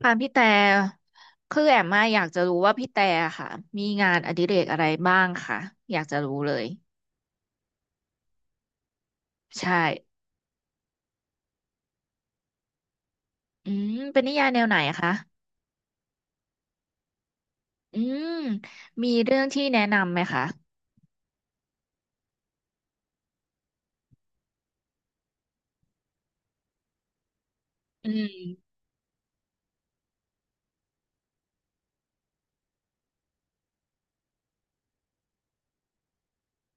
ค่ะพี่แต่คือแอมมาอยากจะรู้ว่าพี่แต่ค่ะมีงานอดิเรกอะไรบ้างค่ะอยากจะรู้เลยใช่เป็นนิยายแนวไหนคะอืมมีเรื่องที่แนะนำไหมคะอืม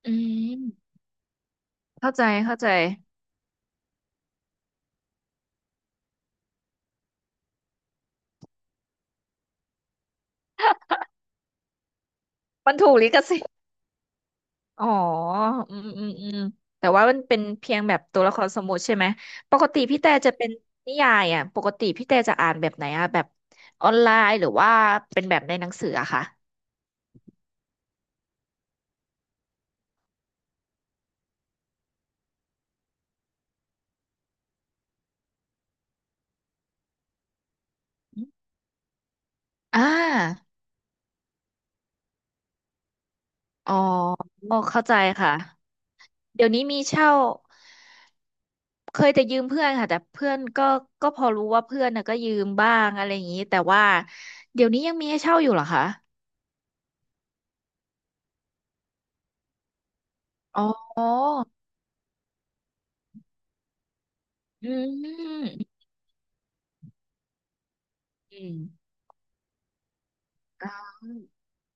อืมเข้าใจเข้าใจมันถูกลิขสิทธิ์อ๋ออืมอืมอืมแต่ว่ามันเป็นเพียงแบบตัวละครสมมุติใช่ไหมปกติพี่แต่จะเป็นนิยายอ่ะปกติพี่แต่จะอ่านแบบไหนอ่ะแบบออนไลน์หรือว่าเป็นแบบในหนังสืออะคะอ่า อ๋อเข้าใจค่ะ เดี๋ยวนี้มีเช่า เคยแต่ยืมเพื่อนค่ะแต่เพื่อนก็พอรู้ว่าเพื่อนน่ะก็ยืมบ้างอะไรอย่างนี้แต่ว่าเดี๋ยวนี้ยังมีให้เช่าอยู่เหรอคะ อ๋ออืมอืมอ่า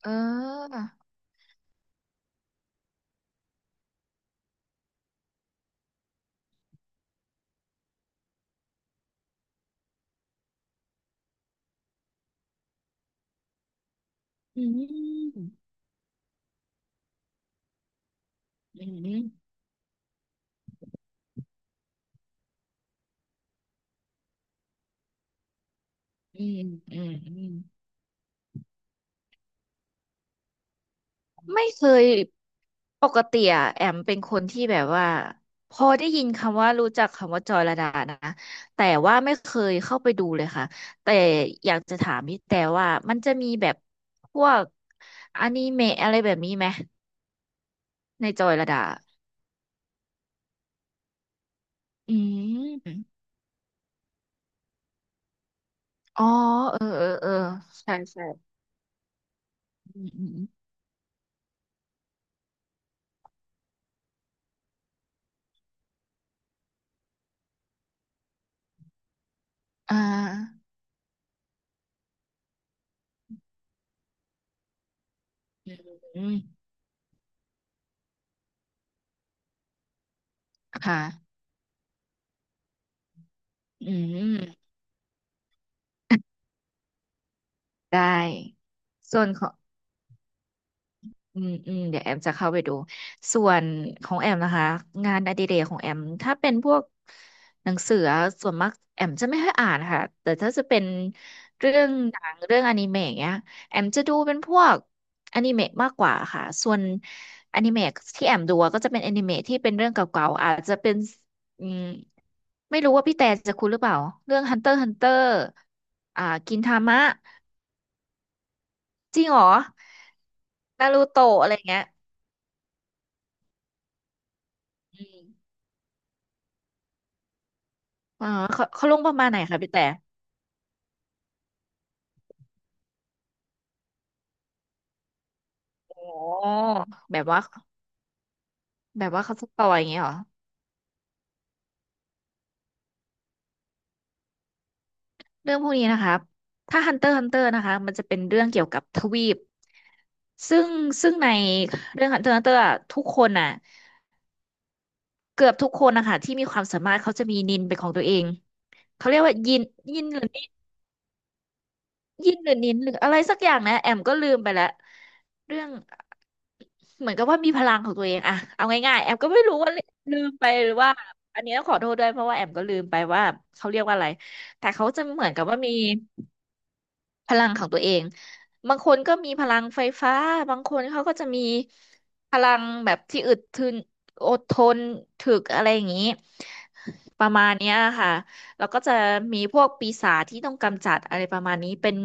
เอออืมอืมอืมอืมอืม ไม่เคยปกติอะแอมเป็นคนที่แบบว่าพอได้ยินคำว่ารู้จักคำว่าจอยระดานะแต่ว่าไม่เคยเข้าไปดูเลยค่ะแต่อยากจะถามพี่แต่ว่ามันจะมีแบบพวกอนิเมะอะไรแบบนี้ไหมในจอยระดาอืมอ๋อเออเออเออใช่ใช่อืมอืมอ่าอืมค่ะอืมได้ส่วนของ อืมอืมเดี๋ยวแอมจะเข้าไปดูส่วนของแอมนะคะงานอดิเรกของแอมถ้าเป็นพวกหนังสือส่วนมากแอมจะไม่ค่อยอ่านค่ะแต่ถ้าจะเป็นเรื่องหนังเรื่องอนิเมะเนี้ยแอมจะดูเป็นพวกอนิเมะมากกว่าค่ะส่วนอนิเมะที่แอมดูอะก็จะเป็นอนิเมะที่เป็นเรื่องเก่าๆอาจจะเป็นอืมไม่รู้ว่าพี่แต่จะคุ้นหรือเปล่าเรื่อง Hunter x Hunter อ่ากินทามะจริงเหรอนารูโตะอะไรเงี้ยอืม อ๋อเขาเขาลงประมาณไหนคะพี่แต่โอ้แบบว่าแบบว่าเขาสปอยอย่างเงี้ยเหรอเรื่องพวกนี้นะครับถ้าฮันเตอร์ฮันเตอร์นะคะมันจะเป็นเรื่องเกี่ยวกับทวีปซึ่งซึ่งในเรื่องฮันเตอร์ฮันเตอร์ทุกคนน่ะเกือบทุกคนนะคะที่มีความสามารถเขาจะมีนินเป็นของตัวเองเขาเรียกว่ายินยินหรือ ยินหรือนินหรืออะไรสักอย่างนะแอมก็ลืมไปแล้วเรื่องเหมือนกับว่ามีพลังของตัวเองอะเอาง่ายๆแอมก็ไม่รู้ว่าลืมไปหรือว่าอันนี้ต้องขอโทษด้วยเพราะว่าแอมก็ลืมไปว่าเขาเรียกว่าอะไรแต่เขาจะเหมือนกับว่ามี พลังของตัวเองบางคนก็มีพลังไฟฟ้าบางคนเขาก็จะมีพลังแบบที่อึดทึนอดทนถึกอะไรอย่างนี้ประมาณเนี้ยค่ะแล้วก็จะมีพวกปีศาจที่ต้องกำจัดอะไรประมาณนี้เป็น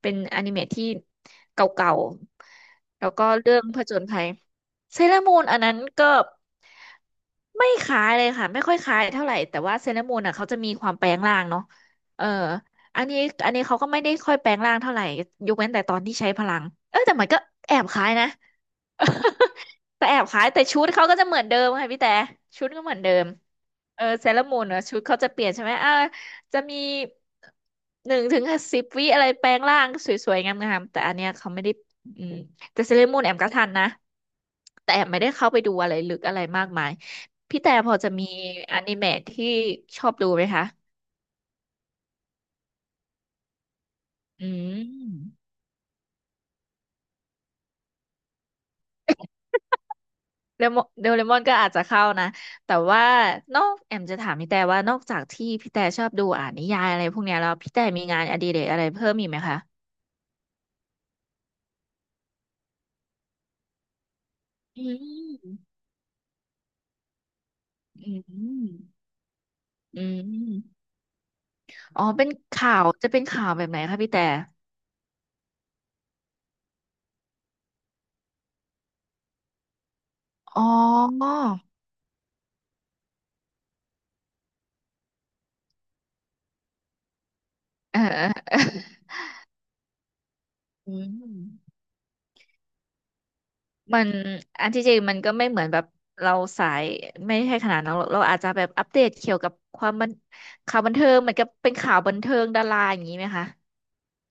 เป็นอนิเมะที่เก่าๆแล้วก็เรื่องผจญภัยเซเลอร์มูนอันนั้นก็ไม่คล้ายเลยค่ะไม่ค่อยคล้ายเท่าไหร่แต่ว่าเซเลอร์มูนอ่ะเขาจะมีความแปลงร่างเนาะเออ อันนี้อันนี้เขาก็ไม่ได้ค่อยแปลงร่างเท่าไหร่ยกเว้นแต่ตอนที่ใช้พลังเออแต่มันก็แอบคล้ายนะ แต่แอบคล้ายแต่ชุดเขาก็จะเหมือนเดิมค่ะพี่แต่ชุดก็เหมือนเดิมเออเซเลอรมูนเนอะชุดเขาจะเปลี่ยนใช่ไหมอ่าจะมีหนึ่งถึงสิบวิอะไรแปลงร่างสวยๆงามๆแต่อันเนี้ยเขาไม่ได้อืมแต่เซเลอรมูนแอมก็ทันนะแต่แอมไม่ได้เข้าไปดูอะไรลึกอะไรมากมายพี่แต่พอจะมีอนิเมะที่ชอบดูไหมคะอืม เลมอนเดลเลมอนก็อาจจะเข้านะแต่ว่านอกแอมจะถามพี่แต่ว่านอกจากที่พี่แต่ชอบดูอ่านนิยายอะไรพวกเนี้ยแล้วพี่แต่มีงานอดิเรกอะไรเพิ่มอีกไหมคะอืมอืมอืมอ๋อเป็นข่าวจะเป็นข่าวแบบไหนคะพี่แต่อ๋อเออ เอออืมมันอันที่จริงมันก็ไม่เหมือนแบบเราสายไม่ใช่ขนาดนั้นหรอกเราอาจจะแบบอัปเดตเกี่ยวกับความบันข่าวบันเทิงเหมือนกับเป็นข่าวบันเทิงดาราอย่างนี้ไหมคะ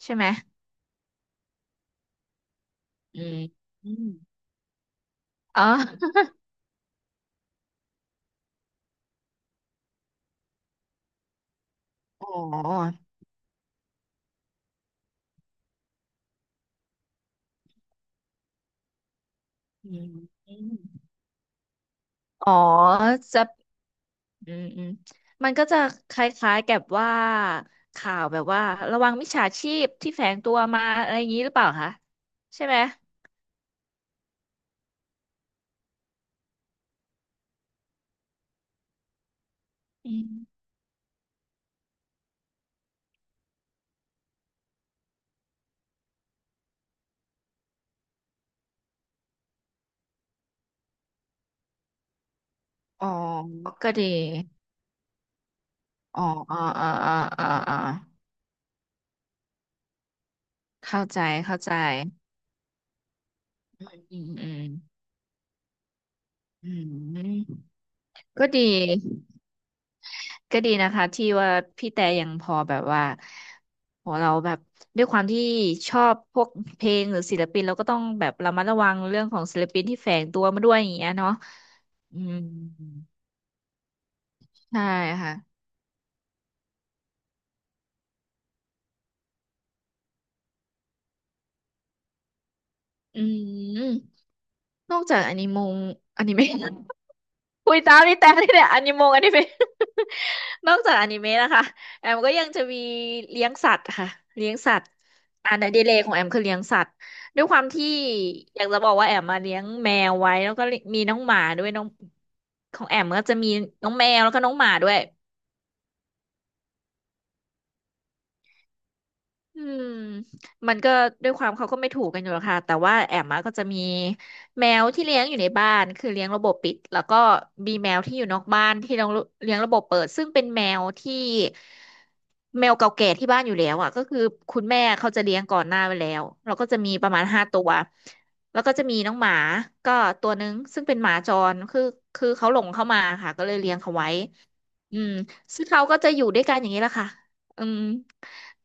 ใช่ไหม อืมอมอ๋ออ๋ออืมอ๋อจะอืมอืมก็จะคล้ายๆกับว่าข่าวแบบว่าระวังมิจฉาชีพที่แฝงตัวมาอะไรอย่างนี้หรือเปล่าคะใช่ไหมอืมอ๋อก็ดีอ๋ออ๋ออ๋ออ๋ออ๋ออ๋อเข้าใจเข้าใจอืมอืมอืมก็ดี ก็ดีนะคะที่ว่าพี่แต่ยังพอแบบว่าโหเราแบบด้วยความที่ชอบพวกเพลงหรือศิลปินเราก็ต้องแบบระมัดระวังเรื่องของศิลปินที่แฝงตัวมาด้วยอย่างเงี้ยเนาะอืมใช่ค่ะอืมนอกจากอนิมงอนิเมะ คุยตามนี่แต่นี่เนี่ยอนิมงอนิเมะ นอกจากอนิเมะนะคะแอมก็ยังจะมีเลี้ยงสัตว์ค่ะเลี้ยงสัตว์อันอดิเรกของแอมคือเลี้ยงสัตว์ด้วยความที่อยากจะบอกว่าแอมมาเลี้ยงแมวไว้แล้วก็มีน้องหมาด้วยน้องของแอมก็จะมีน้องแมวแล้วก็น้องหมาด้วย อืมมันก็ด้วยความเขาก็ไม่ถูกกันอยู่หรอกค่ะแต่ว่าแอมมาก็จะมีแมวที่เลี้ยงอยู่ในบ้านคือเลี้ยงระบบปิดแล้วก็มีแมวที่อยู่นอกบ้านที่เราเลี้ยงระบบเปิดซึ่งเป็นแมวที่แมวเก่าแก่ที่บ้านอยู่แล้วอ่ะก็คือคุณแม่เขาจะเลี้ยงก่อนหน้าไว้แล้วเราก็จะมีประมาณห้าตัวแล้วก็จะมีน้องหมาก็ตัวนึงซึ่งเป็นหมาจรคือเขาหลงเข้ามาค่ะก็เลยเลี้ยงเขาไว้อืมซึ่งเขาก็จะอยู่ด้วยกันอย่างนี้แหละค่ะ อืม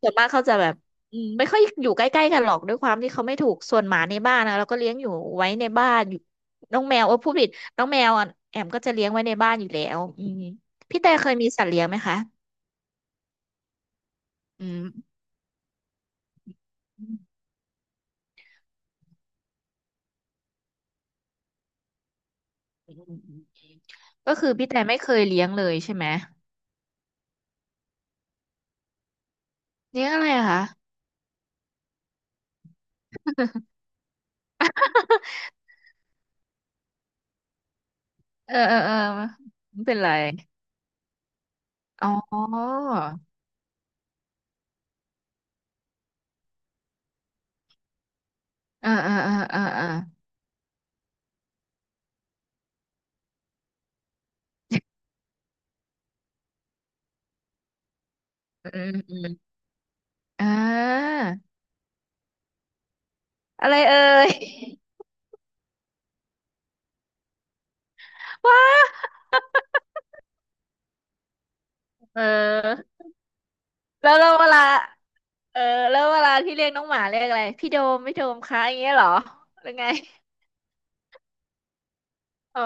ส่วนมากเขาจะแบบอืมไม่ค่อยอยู่ใกล้ๆกันหรอกด้วยความที่เขาไม่ถูกส่วนหมาในบ้านนะเราก็เลี้ยงอยู่ไว้ในบ้านอยู่น้องแมวเออพูดผิดน้องแมวอะแอมก็จะเลี้ยงไว้ในบ้านอยู่แล้วอืมพี่แต่เคยมีสัตว์เลี้ยงไหมคะอืมอืมอืมอืมก็คือพี่แต่ไม่เคยเลี้ยงเลยใช่ไหมเลี้ยงอะไรอะคะเออเออเออไม่เป็นไรอ๋อเอ่อ่าอ่าอ่าอ่อืมอืมอมอ่าอะไรเอ่ย ว้าเออ แล้วแล้วเวลา เออ แล้วเวลาที่เรียกน้องหมาเรียกอะไร พี่โดมพี่โดมคะอย่างเงี้ยเหรอ หรือไง อ๋อ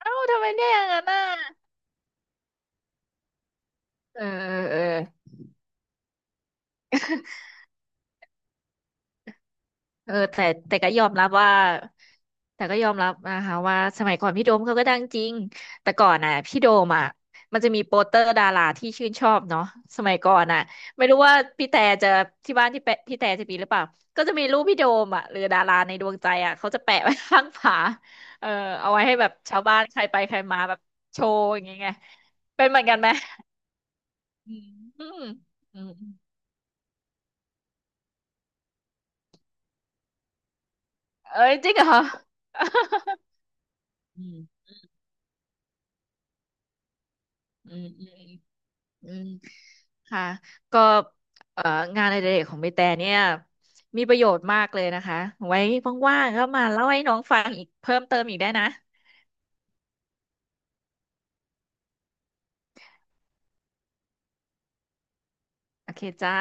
เอ้า ทำไมเรียกอย่างนั้นน่ะเออ เออเออ เออแต่แต่ก็ยอมรับว่าแต่ก็ยอมรับนะคะว่าสมัยก่อนพี่โดมเขาก็ดังจริงแต่ก่อนน่ะพี่โดมอ่ะมันจะมีโปสเตอร์ดาราที่ชื่นชอบเนาะสมัยก่อนน่ะไม่รู้ว่าพี่แต่จะที่บ้านที่แปะพี่แต่จะมีหรือเปล่าก็จะมีรูปพี่โดมอ่ะหรือดาราในดวงใจอ่ะเขาจะแปะไว้ข้างฝาเออเอาไว้ให้แบบชาวบ้านใครไปใครมาแบบโชว์อย่างเงี้ยไงเป็นเหมือนกันไหมอืมอืมอืมเอ้ยจริงเหรออืมอืมอืม อืมค่ะ ก็เอ่องานอดิเรกของใบแต่เนี่ย มีประโยชน์มากเลยนะคะ ไว้ว่างๆก็มาเล่าให้น้องฟังอีกเพิ่มเติมอีกได้นะ โอเคจ้า